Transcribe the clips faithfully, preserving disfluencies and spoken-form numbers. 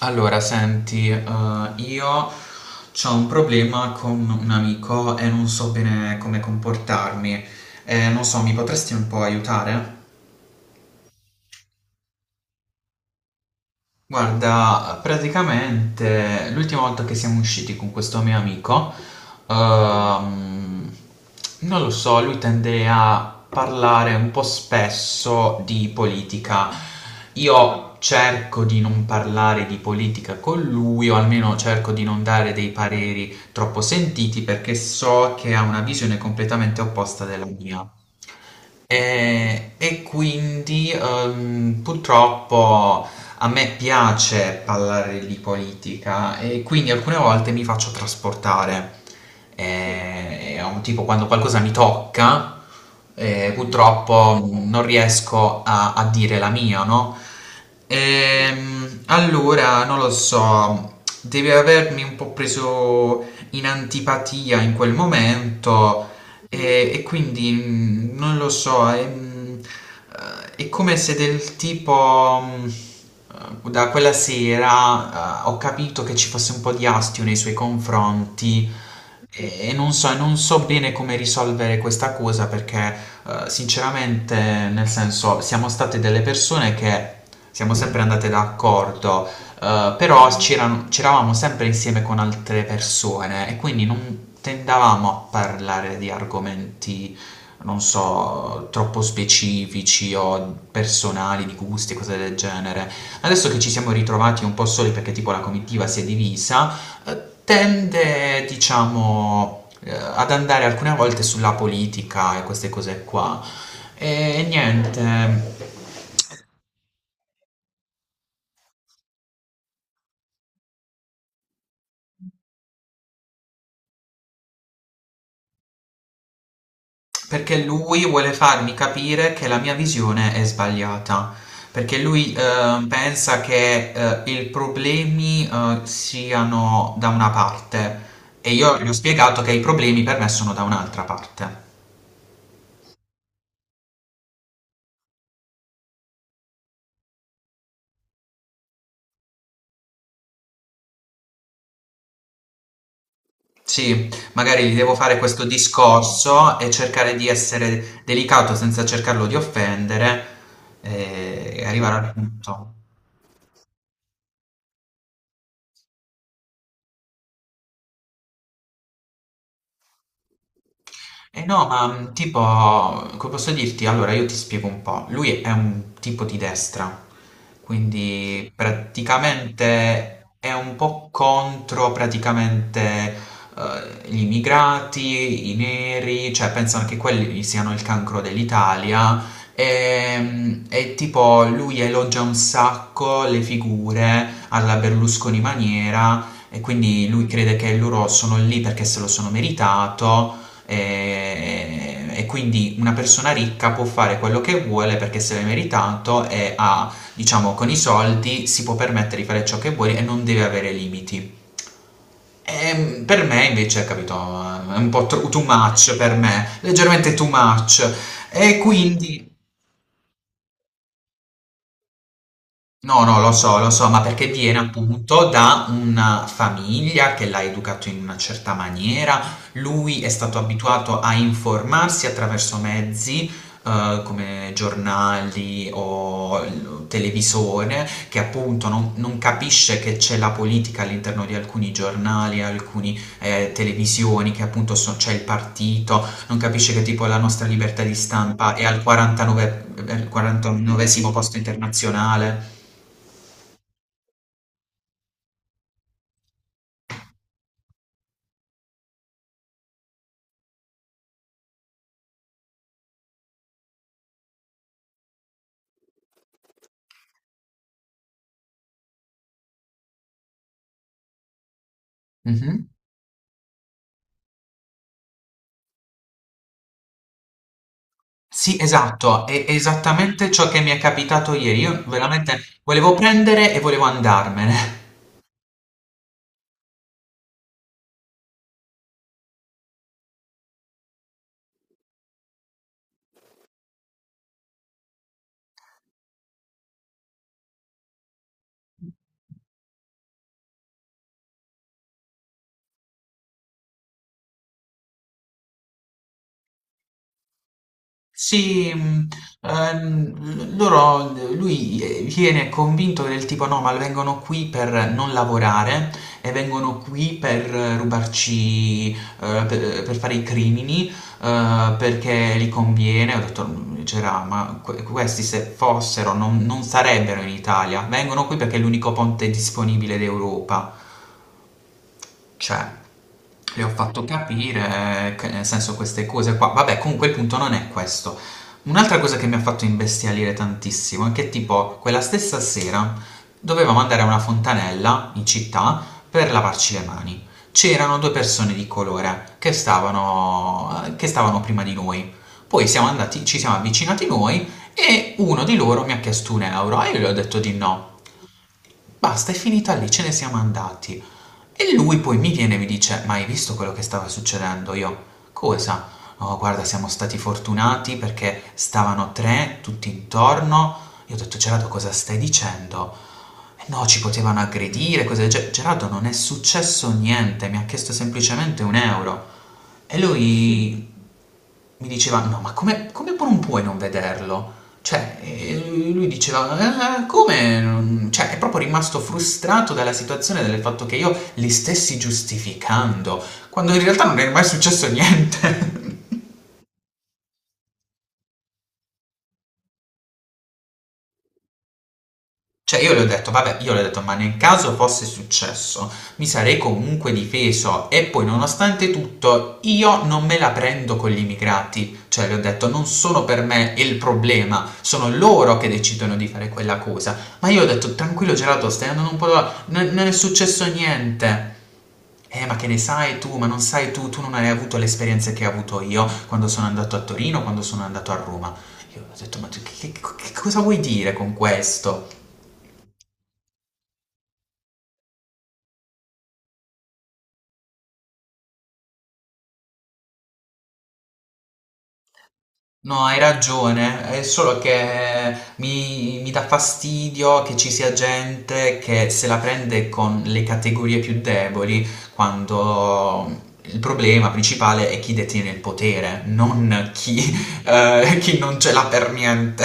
Allora, senti, eh, io ho un problema con un amico e non so bene come comportarmi. Eh, non so, mi potresti un po' aiutare? Guarda, praticamente l'ultima volta che siamo usciti con questo mio amico, ehm, non lo so, lui tende a parlare un po' spesso di politica. Io cerco di non parlare di politica con lui, o almeno cerco di non dare dei pareri troppo sentiti perché so che ha una visione completamente opposta della mia. E, e quindi ehm, purtroppo a me piace parlare di politica e quindi alcune volte mi faccio trasportare. Eh, è un tipo quando qualcosa mi tocca, eh, purtroppo non riesco a, a dire la mia, no? Ehm, allora, non lo so, deve avermi un po' preso in antipatia in quel momento e, e quindi mh, non lo so, è, mh, eh, è come se del tipo, mh, eh, da quella sera, eh, ho capito che ci fosse un po' di astio nei suoi confronti e, e non so, e non so bene come risolvere questa cosa perché, eh, sinceramente, nel senso, siamo state delle persone che siamo sempre andate d'accordo, eh, però c'erano- c'eravamo sempre insieme con altre persone e quindi non tendavamo a parlare di argomenti, non so, troppo specifici o personali, di gusti e cose del genere. Adesso che ci siamo ritrovati un po' soli perché tipo la comitiva si è divisa, eh, tende, diciamo, eh, ad andare alcune volte sulla politica e queste cose qua. E niente, perché lui vuole farmi capire che la mia visione è sbagliata, perché lui eh, pensa che eh, i problemi eh, siano da una parte e io gli ho spiegato che i problemi per me sono da un'altra parte. Sì, magari gli devo fare questo discorso e cercare di essere delicato senza cercarlo di offendere e arrivare al punto. Eh no, ma mh, tipo, come posso dirti? Allora, io ti spiego un po'. Lui è un tipo di destra, quindi praticamente è un po' contro praticamente eh, gli immigrati, i neri, cioè pensano che quelli siano il cancro dell'Italia. E, mh, e tipo, lui elogia un sacco le figure alla Berlusconi maniera, e quindi lui crede che loro sono lì perché se lo sono meritato. E, e quindi una persona ricca può fare quello che vuole perché se l'è meritato e ha, diciamo, con i soldi si può permettere di fare ciò che vuole e non deve avere limiti. E per me invece, capito, è un po' tro- too much per me, leggermente too much. E quindi. No, no, lo so, lo so, ma perché viene appunto da una famiglia che l'ha educato in una certa maniera, lui è stato abituato a informarsi attraverso mezzi eh, come giornali o l- televisore, che appunto non, non capisce che c'è la politica all'interno di alcuni giornali, alcune televisioni, che appunto so- c'è il partito, non capisce che tipo la nostra libertà di stampa è al quarantanove, quarantanovesimo posto internazionale. Mh-mh. Sì, esatto, è è esattamente ciò che mi è capitato ieri. Io veramente volevo prendere e volevo andarmene. Sì, mh, ehm, loro, lui eh, viene convinto del tipo no, ma vengono qui per non lavorare e vengono qui per eh, rubarci, eh, per, per fare i crimini, eh, perché li conviene. Ho detto, "Mm, c'era, ma que- questi se fossero non, non sarebbero in Italia, vengono qui perché è l'unico ponte disponibile d'Europa. Cioè, le ho fatto capire che nel senso queste cose qua. Vabbè, comunque il punto non è questo. Un'altra cosa che mi ha fatto imbestialire tantissimo è che tipo quella stessa sera dovevamo andare a una fontanella in città per lavarci le mani. C'erano due persone di colore che stavano, che stavano prima di noi. Poi siamo andati, ci siamo avvicinati noi e uno di loro mi ha chiesto un euro e io gli ho detto di no. Basta, è finita lì, ce ne siamo andati. E lui poi mi viene e mi dice, ma hai visto quello che stava succedendo? Io, cosa? Oh, guarda, siamo stati fortunati perché stavano tre tutti intorno. Io ho detto, Gerardo, cosa stai dicendo? "Eh no, ci potevano aggredire, cose del genere. Gerardo, non è successo niente, mi ha chiesto semplicemente un euro. E lui mi diceva, no, ma come, come pu- non puoi non vederlo? Cioè, e lui lui diceva, "Eh, come? non-" Cioè, è proprio rimasto frustrato dalla situazione, del fatto che io li stessi giustificando, quando in realtà non è mai successo niente. Cioè io le ho detto, vabbè, io le ho detto, ma nel caso fosse successo, mi sarei comunque difeso e poi nonostante tutto io non me la prendo con gli immigrati, cioè le ho detto, non sono per me il problema, sono loro che decidono di fare quella cosa, ma io ho detto, tranquillo Gerardo, stai andando un po', da- non, non è successo niente. Eh, ma che ne sai tu? Ma non sai tu, tu non hai avuto le esperienze che ho avuto io quando sono andato a Torino, quando sono andato a Roma. Io ho detto, ma tu che- che- che cosa vuoi dire con questo? No, hai ragione, è solo che mi, mi dà fastidio che ci sia gente che se la prende con le categorie più deboli, quando il problema principale è chi detiene il potere, non chi, eh, chi non ce l'ha per niente.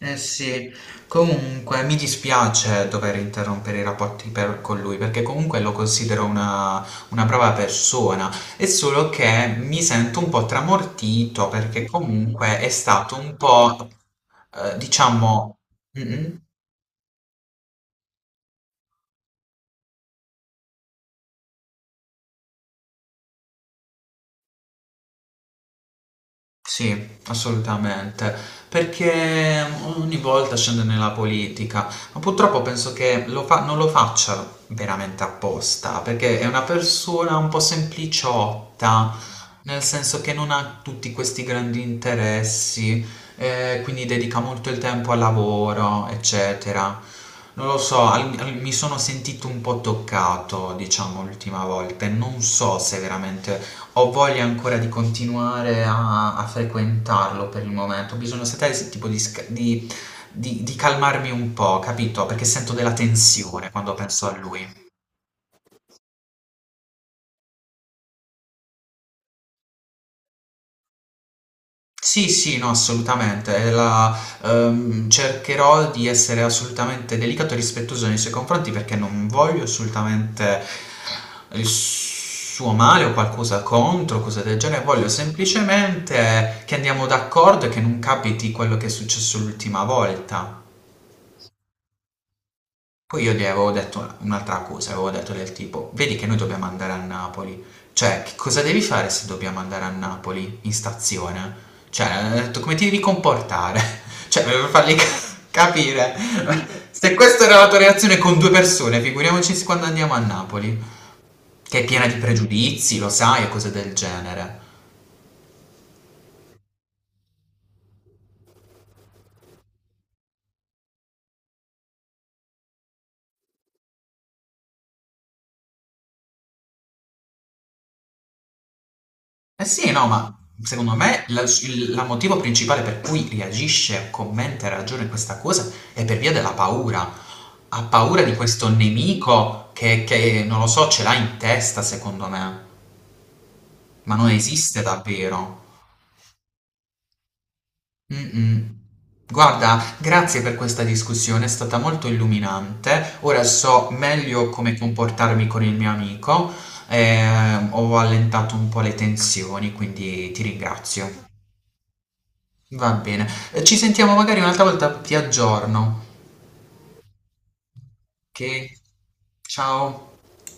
Eh sì, comunque mi dispiace dover interrompere i rapporti per- con lui perché comunque lo considero una, una brava persona, è solo che mi sento un po' tramortito perché comunque è stato un po', eh, diciamo, mm, sì, assolutamente, perché ogni volta scende nella politica, ma purtroppo penso che lo fa- non lo faccia veramente apposta, perché è una persona un po' sempliciotta, nel senso che non ha tutti questi grandi interessi, eh, quindi dedica molto il tempo al lavoro, eccetera. Non lo so, al- al- mi sono sentito un po' toccato, diciamo, l'ultima volta e non so se veramente ho voglia ancora di continuare a a frequentarlo per il momento. Ho bisogno, sai, s tipo di sca di di di calmarmi un po', capito, perché sento della tensione quando penso a lui. Sì, sì, no, assolutamente. È la ehm, Cercherò di essere assolutamente delicato e rispettoso nei suoi confronti perché non voglio assolutamente il suo male o qualcosa contro, cose del genere. Voglio semplicemente che andiamo d'accordo e che non capiti quello che è successo l'ultima volta. Poi io gli avevo detto un'altra cosa, avevo detto del tipo, vedi che noi dobbiamo andare a Napoli, cioè che cosa devi fare se dobbiamo andare a Napoli in stazione? Cioè, eh, ho detto come ti devi comportare? Cioè, per fargli capire, se questa era la tua reazione con due persone, figuriamoci quando andiamo a Napoli, che è piena di pregiudizi, lo sai, e cose del genere. Eh sì, no, ma secondo me la- il la motivo principale per cui reagisce, commenta e ragiona in questa cosa è per via della paura. Ha paura di questo nemico che, che, non lo so, ce l'ha in testa, secondo me, ma non esiste davvero. Mm-mm. Guarda, grazie per questa discussione, è stata molto illuminante. Ora so meglio come comportarmi con il mio amico. Eh, ho allentato un po' le tensioni, quindi ti ringrazio. Va bene. Eh, Ci sentiamo magari un'altra volta, ti aggiorno. Ok? Ciao.